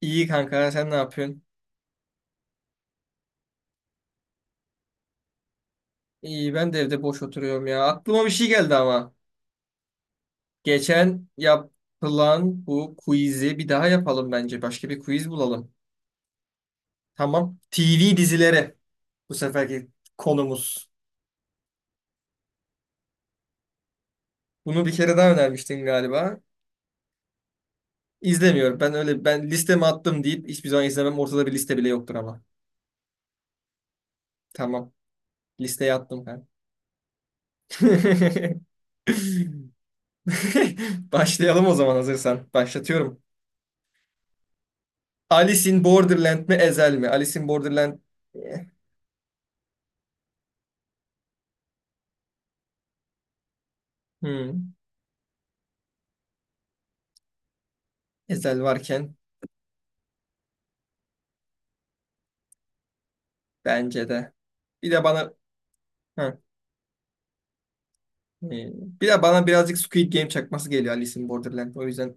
İyi kanka, sen ne yapıyorsun? İyi, ben de evde boş oturuyorum ya. Aklıma bir şey geldi ama. Geçen yapılan bu quiz'i bir daha yapalım bence. Başka bir quiz bulalım. Tamam. TV dizileri bu seferki konumuz. Bunu bir kere daha önermiştin galiba. İzlemiyorum. Ben öyle ben listeme attım deyip hiçbir zaman izlemem. Ortada bir liste bile yoktur ama. Tamam. Listeye attım ben. Başlayalım o zaman, hazırsan. Başlatıyorum. Alice in Borderland mi Ezel mi? Alice in Borderland eh, hmm, Ezel varken, bence de. Bir de bana ha, eh, Bir de bana birazcık Squid Game çakması geliyor, Alice in Borderland. O yüzden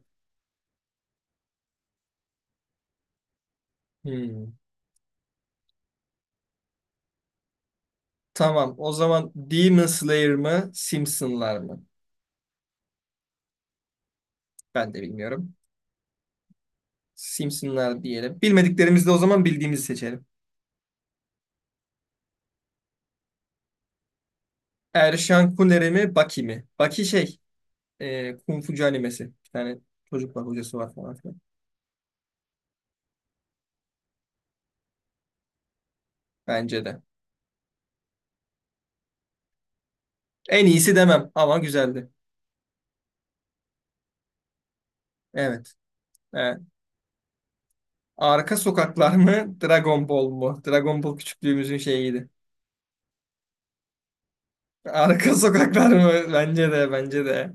hmm. Tamam. O zaman Demon Slayer mı Simpsonlar mı? Ben de bilmiyorum. Simpsonlar diyelim. Bilmediklerimizde o zaman bildiğimizi seçelim. Erşan Kuneri mi Baki mi? Baki şey, Kung Fucu animesi. Bir tane çocuk var, hocası var falan filan. Bence de. En iyisi demem ama güzeldi. Evet. He. Arka sokaklar mı, Dragon Ball mu? Dragon Ball küçüklüğümüzün şeyiydi. Arka sokaklar mı? Bence de, bence de.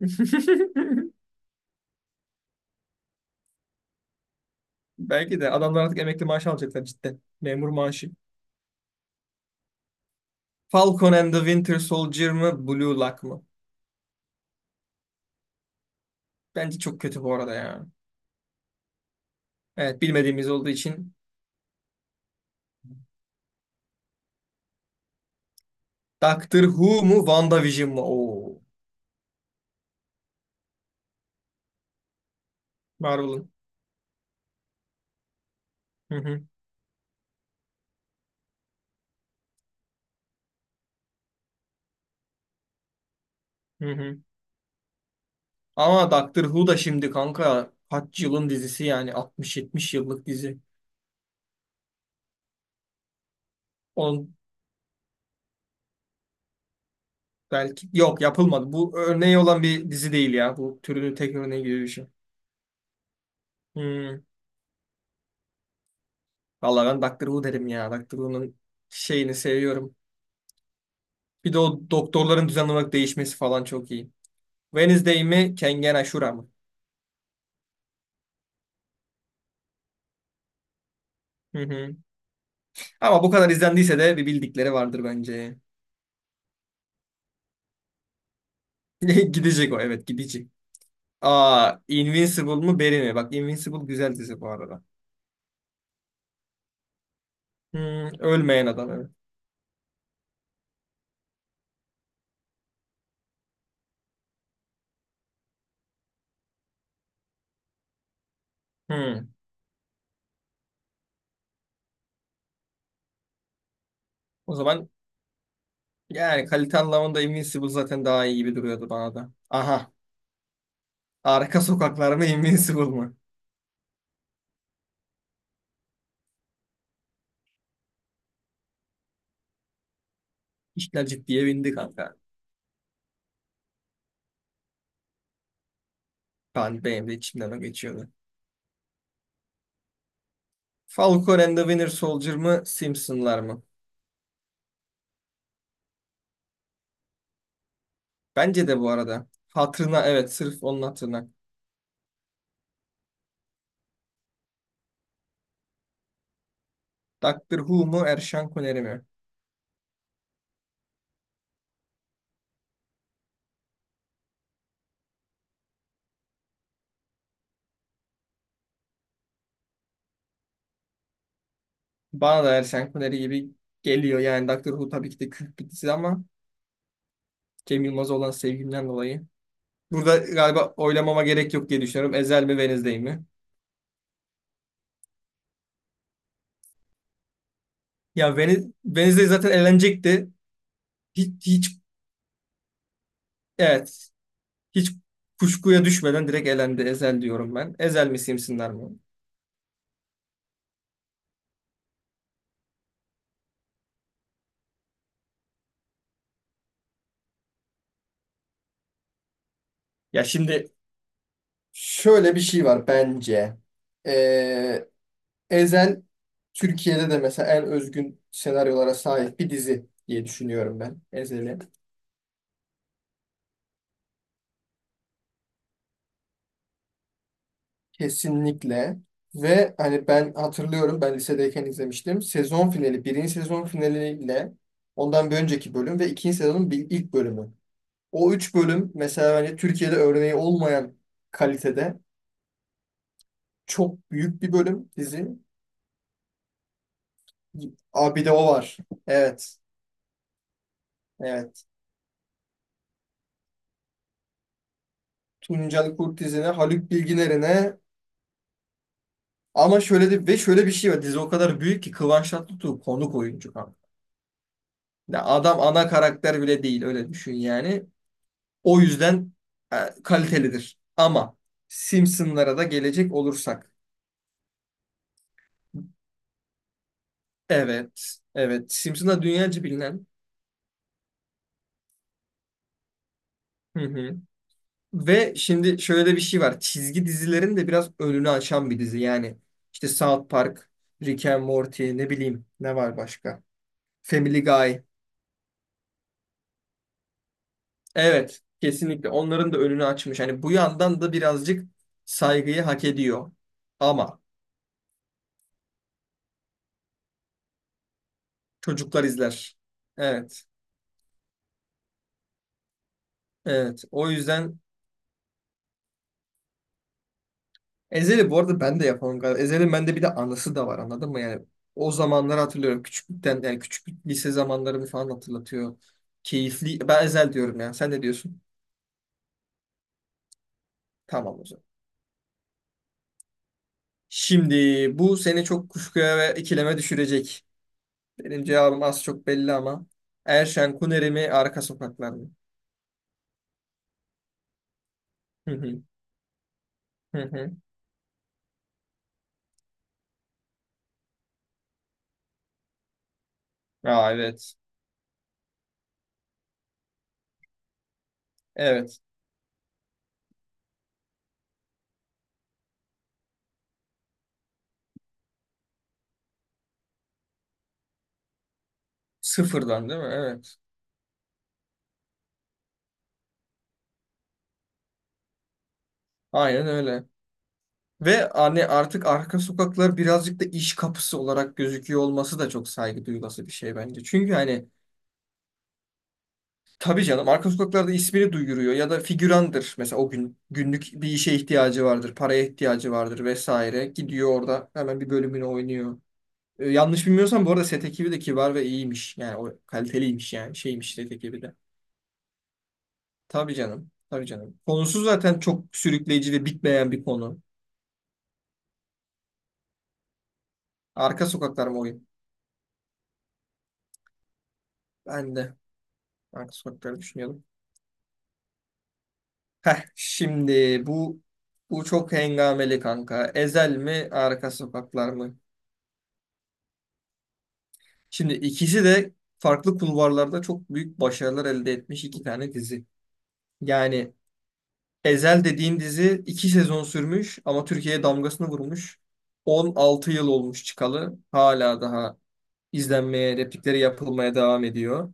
Belki de adamlar artık emekli maaşı alacaklar cidden. Memur maaşı. Falcon and the Winter Soldier mı, Blue Lock mı? Bence çok kötü bu arada ya. Evet, bilmediğimiz olduğu için. Doctor Who mu, WandaVision mu? Oo. Marvel'ın. Hı hı. Hı hı. Ama Doctor Who da şimdi kanka kaç yılın dizisi, yani 60-70 yıllık dizi. On, Belki yok, yapılmadı. Bu örneği olan bir dizi değil ya. Bu türünün tek örneği gibi bir şey. Hmm. Vallahi ben Doctor Who derim ya. Doctor Who'nun şeyini seviyorum. Bir de o doktorların düzenli olarak değişmesi falan çok iyi. Wednesday mi, Kengen Ashura mı? Hı hı. Ama bu kadar izlendiyse de bir bildikleri vardır bence. Gidecek o, evet, gidecek. Aa, Invincible mu Barry mi? Bak, Invincible güzel dizi bu arada. Hmm, Ölmeyen adam, evet. Hmm. O zaman yani kalite anlamında Invincible zaten daha iyi gibi duruyordu bana da. Aha, arka sokaklarına Invincible mı? İşler ciddiye bindi kanka. Benim de içimden o geçiyordu. Falcon and the Winter Soldier mı, Simpsonlar mı? Bence de bu arada. Hatırına, evet, sırf onun hatırına. Doctor Who mu, Erşan Kuneri mi? Bana da Erşan Kuneri gibi geliyor. Yani Doctor Who tabii ki de kült bir dizi ama Cem Yılmaz'a olan sevgimden dolayı. Burada galiba oylamama gerek yok diye düşünüyorum. Ezel mi Wednesday mi? Ya Veniz, Wednesday zaten eğlenecekti. Hiç, hiç, evet. Hiç kuşkuya düşmeden direkt elendi. Ezel diyorum ben. Ezel mi Simsinler mi? Ya şimdi şöyle bir şey var bence. Ee, Ezel Türkiye'de de mesela en özgün senaryolara sahip bir dizi diye düşünüyorum ben. Ezel'i. Kesinlikle. Ve hani ben hatırlıyorum, ben lisedeyken izlemiştim. Sezon finali, birinci sezon finaliyle ondan bir önceki bölüm ve ikinci sezonun ilk bölümü. O üç bölüm mesela hani Türkiye'de örneği olmayan kalitede, çok büyük bir bölüm dizi. Abi bir de o var. Evet. Evet. Tuncel Kurtizine, Haluk Bilginer'ine, ama şöyle de ve şöyle bir şey var. Dizi o kadar büyük ki Kıvanç Tatlıtuğ konuk oyuncu kanka. Ya adam ana karakter bile değil, öyle düşün yani. O yüzden e, kalitelidir. Ama Simpsonlara da gelecek olursak. Evet. Evet. Simpsonlar dünyaca bilinen. Hı hı. Ve şimdi şöyle bir şey var. Çizgi dizilerin de biraz önünü açan bir dizi. Yani işte South Park, Rick and Morty, ne bileyim, ne var başka? Family Guy. Evet, kesinlikle onların da önünü açmış. Hani bu yandan da birazcık saygıyı hak ediyor. Ama çocuklar izler. Evet, evet. O yüzden Ezeli bu arada ben de yapamam galiba. Ezel'in bende bir de anısı da var, anladın mı? Yani o zamanları hatırlıyorum. Küçüklükten, yani küçüklük lise zamanlarımı falan hatırlatıyor. Keyifli. Ben Ezel diyorum ya. Sen ne diyorsun? Tamam o zaman. Şimdi bu seni çok kuşkuya ve ikileme düşürecek. Benim cevabım az çok belli ama. Erşen Kuneri mi Arka Sokaklar mı? Hı hı. Hı hı. Aa, evet. Evet. Sıfırdan, değil mi? Evet. Aynen öyle. Ve hani artık arka sokaklar birazcık da iş kapısı olarak gözüküyor olması da çok saygı duyulası bir şey bence. Çünkü hani tabii canım arka sokaklarda ismini duyuruyor ya da figürandır. Mesela o gün günlük bir işe ihtiyacı vardır, paraya ihtiyacı vardır vesaire. Gidiyor orada hemen bir bölümünü oynuyor. Yanlış bilmiyorsam bu arada set ekibi de kibar ve iyiymiş. Yani o kaliteliymiş, yani şeymiş set ekibi de. Tabii canım, tabii canım. Konusu zaten çok sürükleyici ve bitmeyen bir konu. Arka sokaklar mı oyun? Ben de arka sokakları düşünüyordum. Şimdi bu çok hengameli kanka. Ezel mi, Arka Sokaklar mı? Şimdi ikisi de farklı kulvarlarda çok büyük başarılar elde etmiş iki tane dizi. Yani Ezel dediğin dizi iki sezon sürmüş ama Türkiye'ye damgasını vurmuş. 16 yıl olmuş çıkalı. Hala daha izlenmeye, replikleri yapılmaya devam ediyor.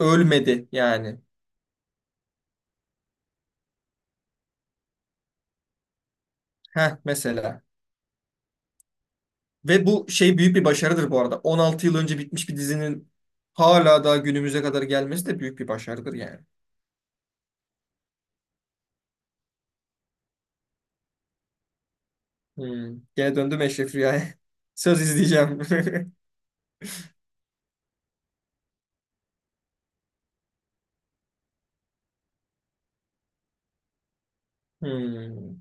Ölmedi yani. Heh, mesela. Ve bu şey büyük bir başarıdır bu arada. 16 yıl önce bitmiş bir dizinin hala daha günümüze kadar gelmesi de büyük bir başarıdır yani. Hmm. Gene döndüm Eşref Rüya'ya. Söz, izleyeceğim. Hmm.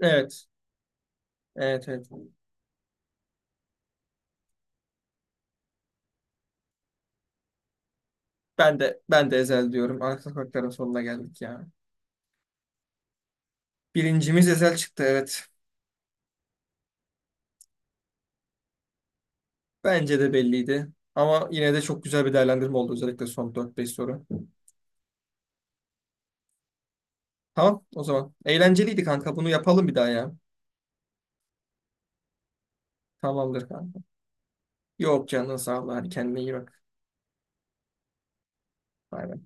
Evet. Evet, evet. Ben de Ezel diyorum. Arka sokakların sonuna geldik ya. Birincimiz Ezel çıktı, evet. Bence de belliydi. Ama yine de çok güzel bir değerlendirme oldu, özellikle son dört beş soru. Tamam o zaman. Eğlenceliydi kanka. Bunu yapalım bir daha ya. Tamamdır kanka. Yok, canın sağ ol. Hadi, kendine iyi bak. Bay bay.